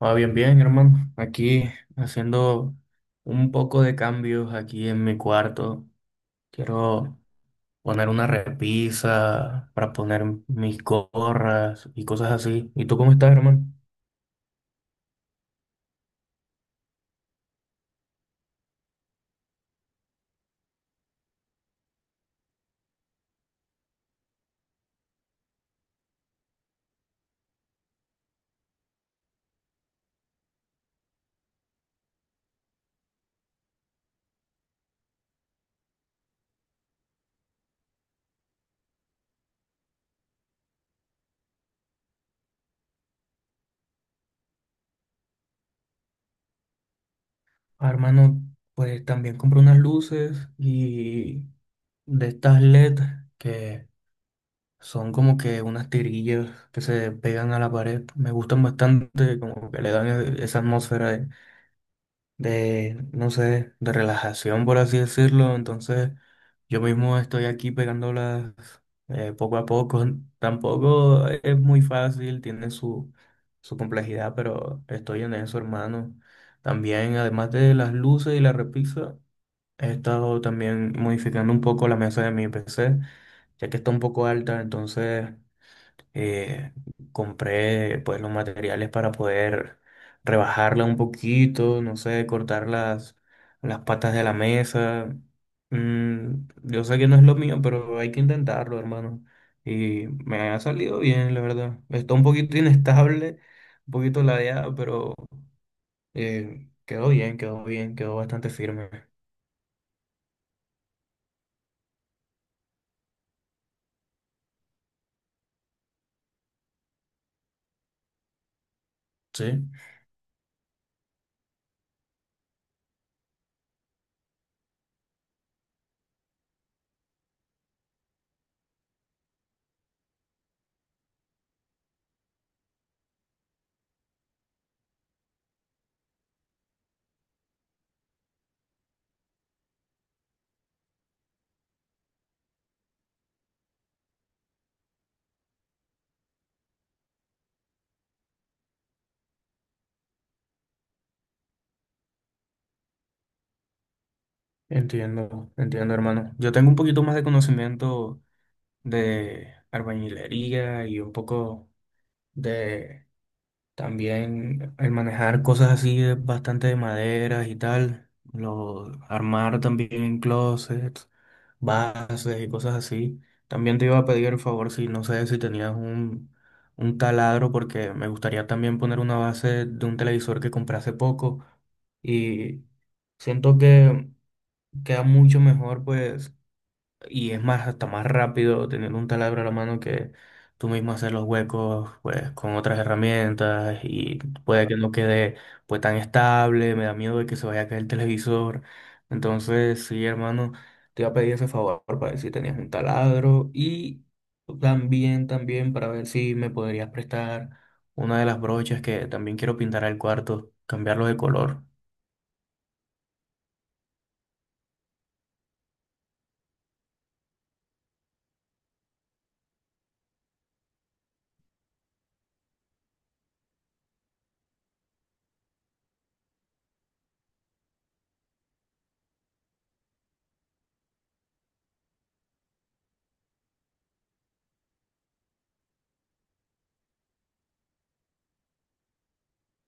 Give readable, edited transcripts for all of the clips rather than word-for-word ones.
Ah, bien, bien, hermano. Aquí haciendo un poco de cambios aquí en mi cuarto. Quiero poner una repisa para poner mis gorras y cosas así. ¿Y tú cómo estás, hermano? Ah, hermano, pues también compré unas luces y de estas LED que son como que unas tirillas que se pegan a la pared. Me gustan bastante, como que le dan esa atmósfera de, no sé, de relajación, por así decirlo. Entonces, yo mismo estoy aquí pegándolas poco a poco. Tampoco es muy fácil, tiene su complejidad, pero estoy en eso, hermano. También, además de las luces y la repisa, he estado también modificando un poco la mesa de mi PC, ya que está un poco alta, entonces eh, compré pues los materiales para poder rebajarla un poquito, no sé, cortar las patas de la mesa. Yo sé que no es lo mío, pero hay que intentarlo, hermano. Y me ha salido bien, la verdad. Está un poquito inestable, un poquito ladeada, pero quedó bien, quedó bien, quedó bastante firme. Sí, entiendo, entiendo, hermano. Yo tengo un poquito más de conocimiento de albañilería y un poco de también el manejar cosas así bastante de maderas y tal, lo, armar también closets, bases y cosas así. También te iba a pedir el favor si no sé si tenías un taladro porque me gustaría también poner una base de un televisor que compré hace poco y siento que queda mucho mejor pues y es más, hasta más rápido tener un taladro a la mano que tú mismo hacer los huecos, pues, con otras herramientas y puede que, claro. no quede, pues, tan estable, me da miedo de que se vaya a caer el televisor. Entonces, sí, hermano, te iba a pedir ese favor para ver si tenías un taladro y también, también para ver si me podrías prestar una de las brochas que también quiero pintar al cuarto, cambiarlo de color.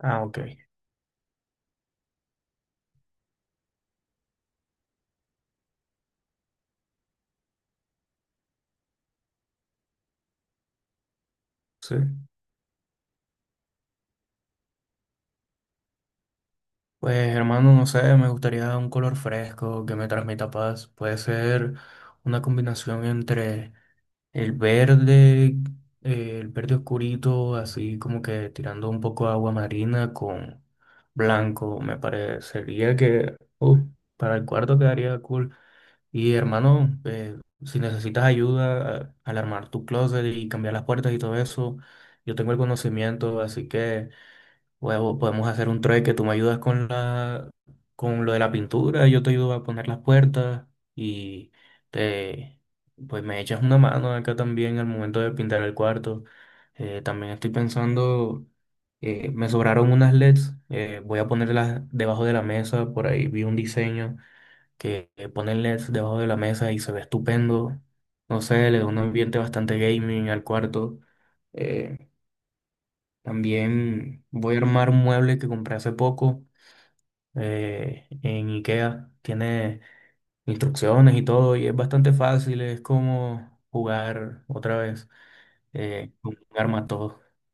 Ah, ok. Sí. Pues hermano, no sé, me gustaría un color fresco que me transmita paz. Puede ser una combinación entre el verde, el verde oscurito, así como que tirando un poco de agua marina con blanco. Me parecería que para el cuarto quedaría cool. Y hermano, si necesitas ayuda al armar tu closet y cambiar las puertas y todo eso, yo tengo el conocimiento, así que... Luego podemos hacer un trueque, tú me ayudas con la, con lo de la pintura, yo te ayudo a poner las puertas y te, pues me echas una mano acá también al momento de pintar el cuarto. También estoy pensando, me sobraron unas LEDs, voy a ponerlas debajo de la mesa, por ahí vi un diseño que pone LEDs debajo de la mesa y se ve estupendo. No sé, le da un ambiente bastante gaming al cuarto. Eh, También voy a armar un mueble que compré hace poco en IKEA. Tiene instrucciones y todo y es bastante fácil. Es como jugar otra vez con un arma todo.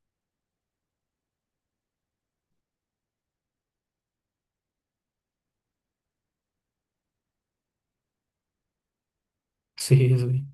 Sí, sí,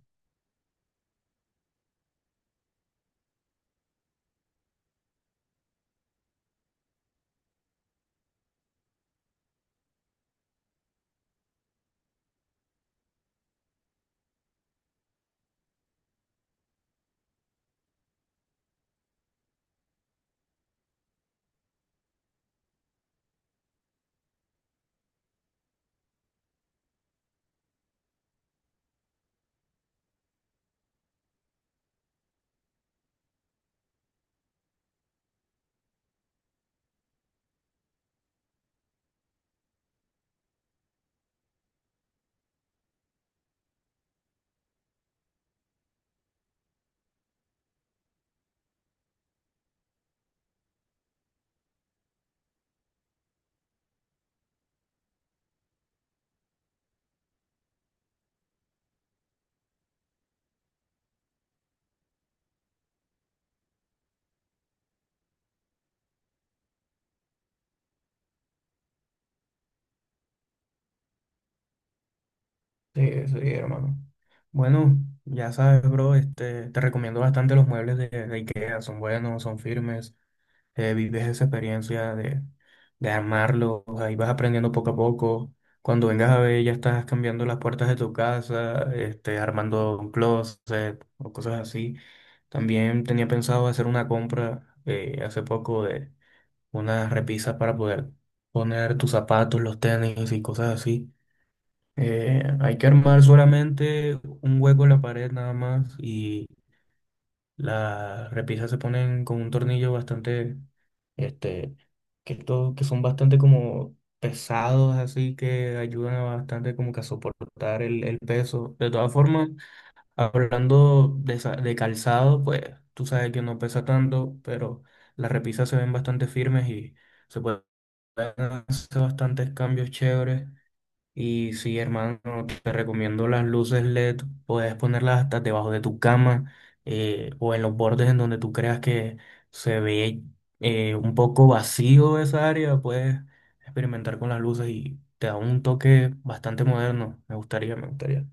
sí, sí, hermano. Bueno, ya sabes, bro, este, te recomiendo bastante los muebles de IKEA. Son buenos, son firmes. Vives esa experiencia de armarlo, ahí vas aprendiendo poco a poco. Cuando vengas a ver, ya estás cambiando las puertas de tu casa, este, armando un closet o cosas así. También tenía pensado hacer una compra hace poco de unas repisas para poder poner tus zapatos, los tenis y cosas así. Hay que armar solamente un hueco en la pared nada más. Las repisas se ponen con un tornillo bastante, este, que, todo, que son bastante como pesados, así que ayudan a bastante como que a soportar el peso. De todas formas, hablando de calzado, pues tú sabes que no pesa tanto, pero las repisas se ven bastante firmes y se pueden hacer bastantes cambios chéveres. Y sí, hermano, te recomiendo las luces LED, puedes ponerlas hasta debajo de tu cama o en los bordes en donde tú creas que se ve un poco vacío esa área, puedes experimentar con las luces y te da un toque bastante moderno. Me gustaría, me gustaría.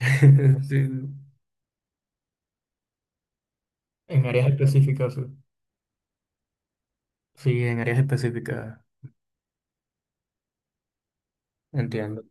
Sí, en áreas específicas. Sí, sí, en áreas específicas, entiendo.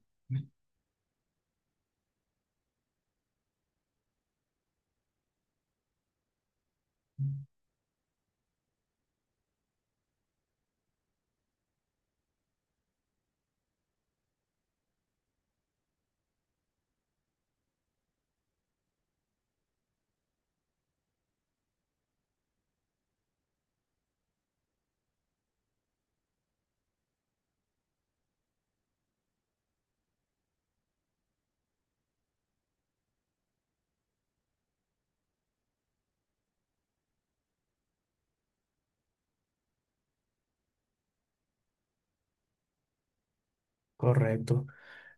Correcto.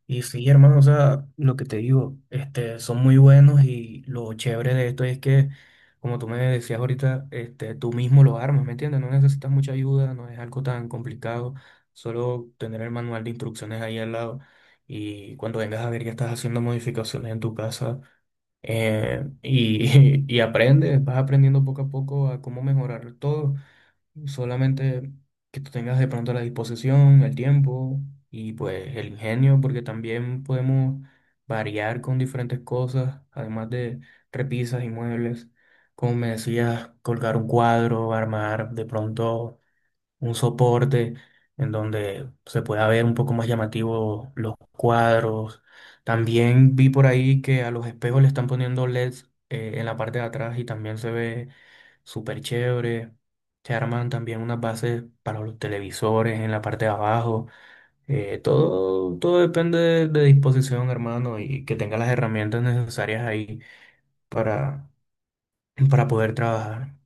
Y sí, hermano, o sea, lo que te digo, este, son muy buenos y lo chévere de esto es que, como tú me decías ahorita, este, tú mismo lo armas, ¿me entiendes? No necesitas mucha ayuda, no es algo tan complicado, solo tener el manual de instrucciones ahí al lado y cuando vengas a ver que estás haciendo modificaciones en tu casa y, y aprendes, vas aprendiendo poco a poco a cómo mejorar todo. Solamente que tú tengas de pronto la disposición, el tiempo y pues el ingenio, porque también podemos variar con diferentes cosas, además de repisas y muebles. Como me decías, colgar un cuadro, armar de pronto un soporte en donde se pueda ver un poco más llamativo los cuadros. También vi por ahí que a los espejos le están poniendo LEDs en la parte de atrás y también se ve súper chévere. Se arman también unas bases para los televisores en la parte de abajo. Todo, todo depende de disposición, hermano, y que tenga las herramientas necesarias ahí para, para, poder trabajar.